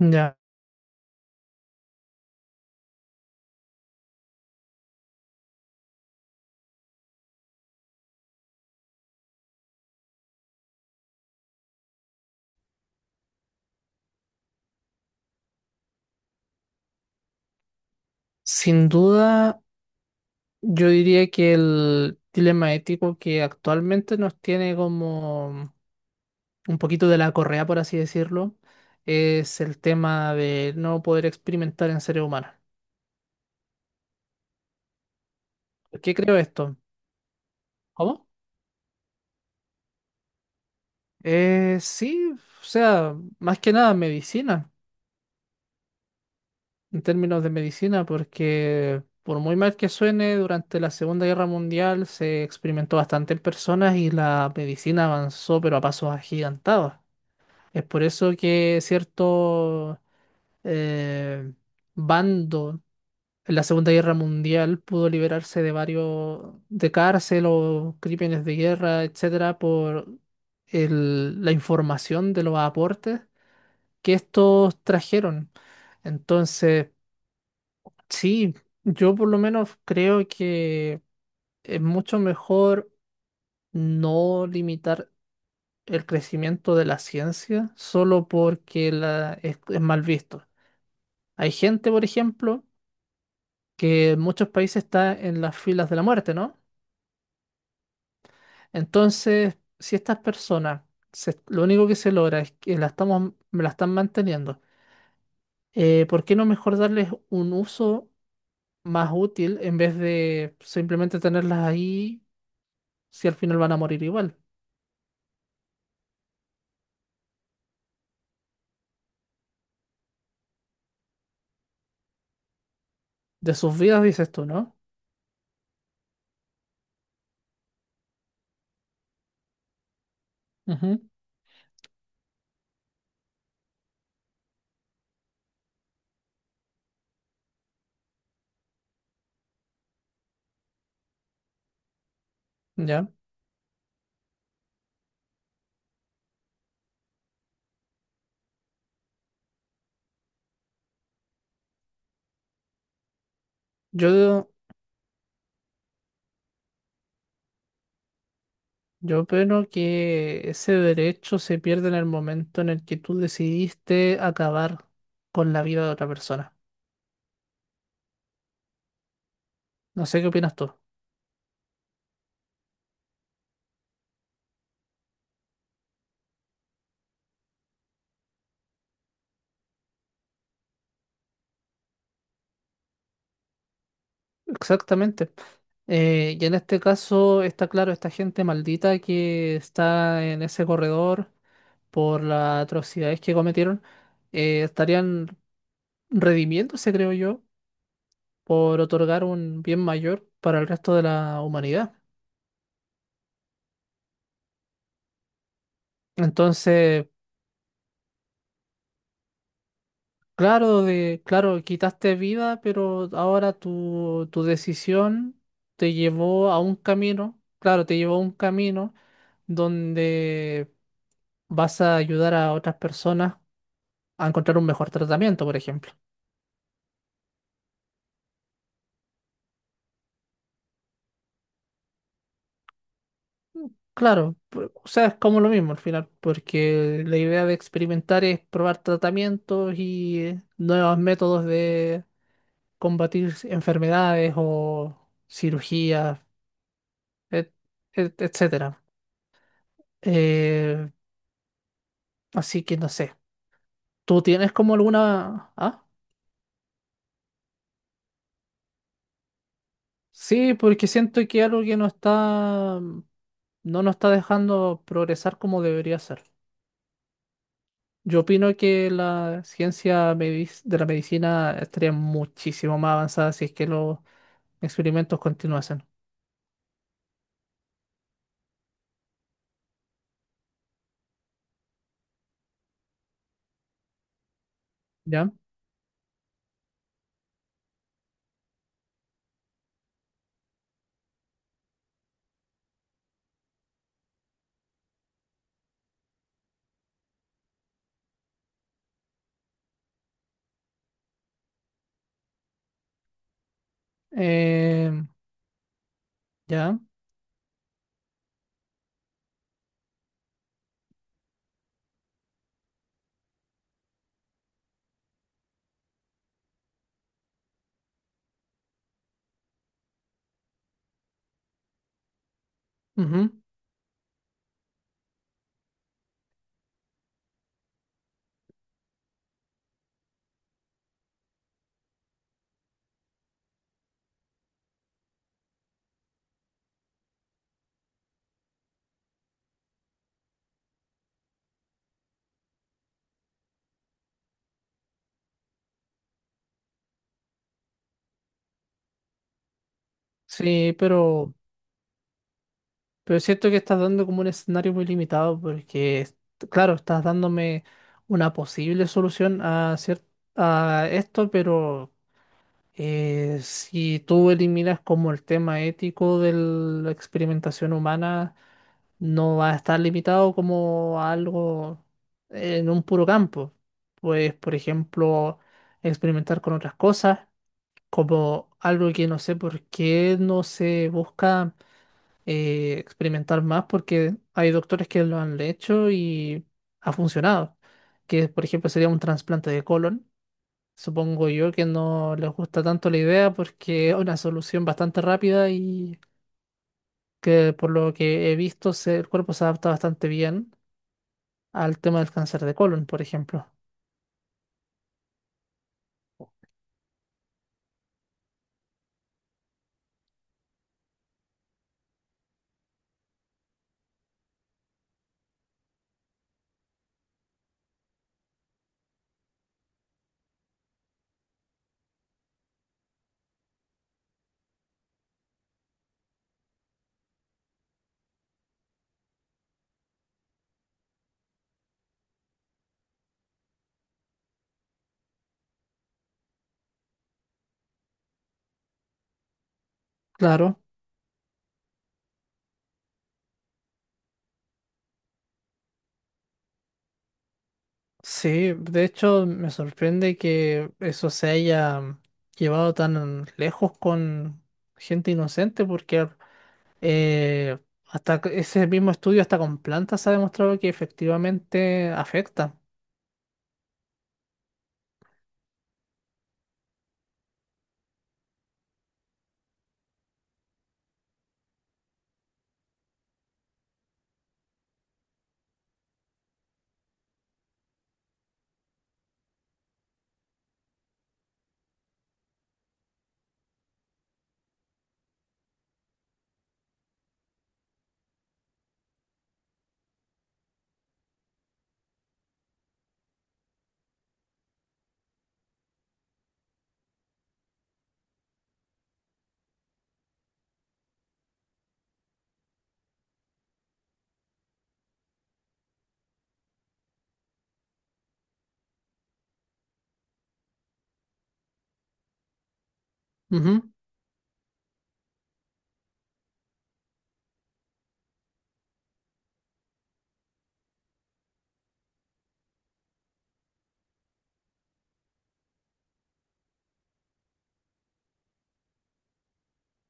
Ya, sin duda, yo diría que el dilema ético que actualmente nos tiene como un poquito de la correa, por así decirlo, es el tema de no poder experimentar en seres humanos. ¿Por ¿Qué creo esto? ¿Cómo? Sí, o sea, más que nada medicina, en términos de medicina, porque por muy mal que suene, durante la Segunda Guerra Mundial se experimentó bastante en personas y la medicina avanzó, pero a pasos agigantados. Es por eso que cierto eh, bando en la Segunda Guerra Mundial pudo liberarse de varios de cárcel o crímenes de guerra, etcétera, por la información de los aportes que estos trajeron. Entonces, sí, yo por lo menos creo que es mucho mejor no limitar el crecimiento de la ciencia solo porque la, es mal visto. Hay gente, por ejemplo, que en muchos países está en las filas de la muerte, ¿no? Entonces, si estas personas, lo único que se logra es que la estamos, la están manteniendo, ¿por qué no mejor darles un uso más útil en vez de simplemente tenerlas ahí si al final van a morir igual? De sus vidas, dices tú, ¿no? Ujú. Ya. Yo, yo opino que ese derecho se pierde en el momento en el que tú decidiste acabar con la vida de otra persona. No sé qué opinas tú. Exactamente. Y en este caso está claro, esta gente maldita que está en ese corredor por las atrocidades que cometieron, estarían redimiéndose, creo yo, por otorgar un bien mayor para el resto de la humanidad. Entonces, claro, de, claro, quitaste vida, pero ahora tu decisión te llevó a un camino, claro, te llevó a un camino donde vas a ayudar a otras personas a encontrar un mejor tratamiento, por ejemplo. Claro, por... o sea, es como lo mismo al final, porque la idea de experimentar es probar tratamientos y nuevos métodos de combatir enfermedades o cirugías, et- etcétera. Eh, Así que no sé. ¿Tú tienes como alguna... sí, porque siento que algo que no está... no nos está dejando progresar como debería ser. Yo opino que la ciencia de la medicina estaría muchísimo más avanzada si es que los experimentos continuasen. ¿Ya? Eh, ¿Ya? Ujú. Sí, pero es cierto que estás dando como un escenario muy limitado porque, claro, estás dándome una posible solución a, a esto, pero si tú eliminas como el tema ético de la experimentación humana, no va a estar limitado como a algo en un puro campo. Pues, por ejemplo, experimentar con otras cosas, como algo que no sé por qué no se busca experimentar más, porque hay doctores que lo han hecho y ha funcionado. Que, por ejemplo, sería un trasplante de colon. Supongo yo que no les gusta tanto la idea porque es una solución bastante rápida y que por lo que he visto el cuerpo se adapta bastante bien al tema del cáncer de colon, por ejemplo. Claro, sí, de hecho me sorprende que eso se haya llevado tan lejos con gente inocente porque eh, ese mismo estudio hasta con plantas ha demostrado que efectivamente afecta.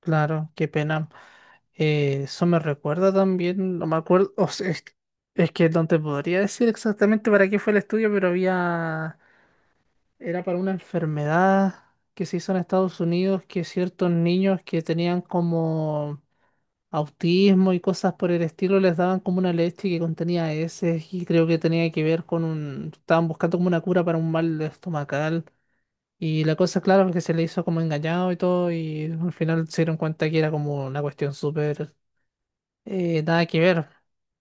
Claro, qué pena. Eso me recuerda también, no me acuerdo, o sea, es que no te podría decir exactamente para qué fue el estudio, pero había, era para una enfermedad que se hizo en Estados Unidos, que ciertos niños que tenían como autismo y cosas por el estilo les daban como una leche que contenía heces y creo que tenía que ver con un, estaban buscando como una cura para un mal estomacal. Y la cosa, claro, es que se le hizo como engañado y todo, y al final se dieron cuenta que era como una cuestión súper nada que ver.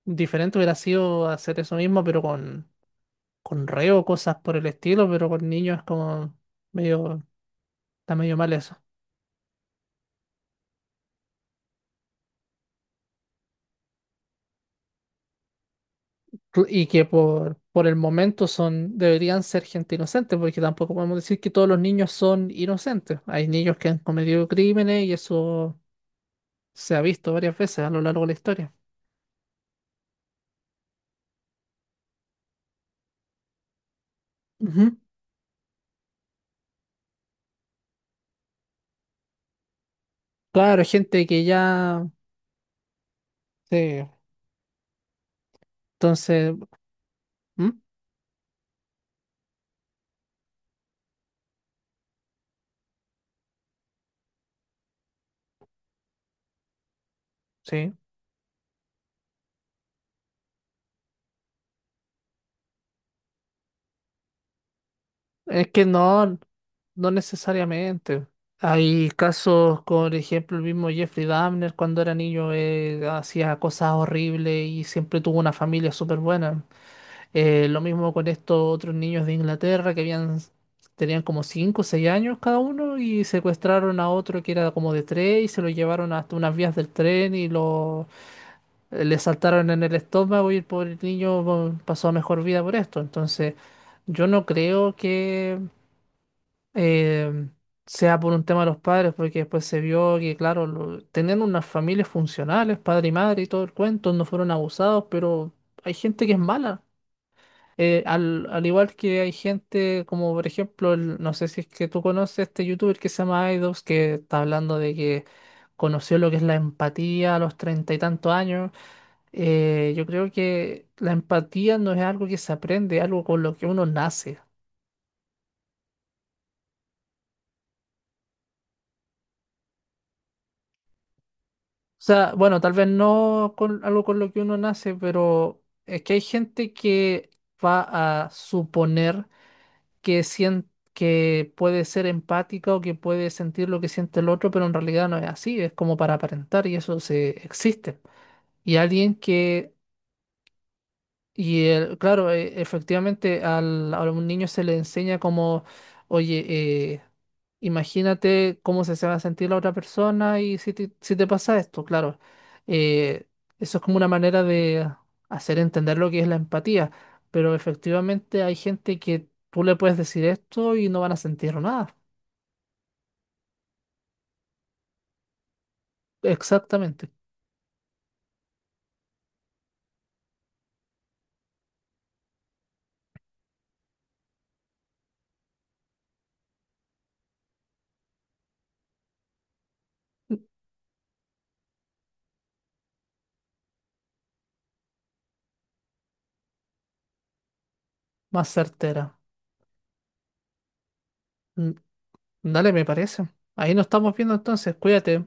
Diferente hubiera sido hacer eso mismo, pero con reo, cosas por el estilo, pero con niños es como medio, está medio mal eso. Y que por el momento son, deberían ser gente inocente, porque tampoco podemos decir que todos los niños son inocentes. Hay niños que han cometido crímenes y eso se ha visto varias veces a lo largo de la historia. Ujú. Claro, gente que ya. Sí, entonces, ¿mm? Sí, es que no, no necesariamente. Hay casos, como por ejemplo el mismo Jeffrey Dahmer, cuando era niño hacía cosas horribles y siempre tuvo una familia súper buena. Lo mismo con estos otros niños de Inglaterra que habían, tenían como 5 o 6 años cada uno y secuestraron a otro que era como de 3 y se lo llevaron hasta unas vías del tren y lo, le saltaron en el estómago y el pobre niño bueno, pasó a mejor vida por esto. Entonces, yo no creo que eh, sea por un tema de los padres, porque después se vio que, claro, tenían unas familias funcionales, padre y madre y todo el cuento, no fueron abusados, pero hay gente que es mala. Al igual que hay gente como por ejemplo, no sé si es que tú conoces este youtuber que se llama Aidos que está hablando de que conoció lo que es la empatía a los 30 y tantos años. Yo creo que la empatía no es algo que se aprende, es algo con lo que uno nace. O sea, bueno, tal vez no con algo con lo que uno nace, pero es que hay gente que va a suponer que que puede ser empática o que puede sentir lo que siente el otro, pero en realidad no es así, es como para aparentar y eso se existe. Y alguien que. Claro, efectivamente al, a un niño se le enseña como, oye, eh, imagínate cómo se, se va a sentir la otra persona y si te, si te pasa esto, claro. Eh, eso es como una manera de hacer entender lo que es la empatía, pero efectivamente hay gente que tú le puedes decir esto y no van a sentir nada. Exactamente, más certera. Mm. Dale, me parece. Ahí nos estamos viendo entonces, cuídate.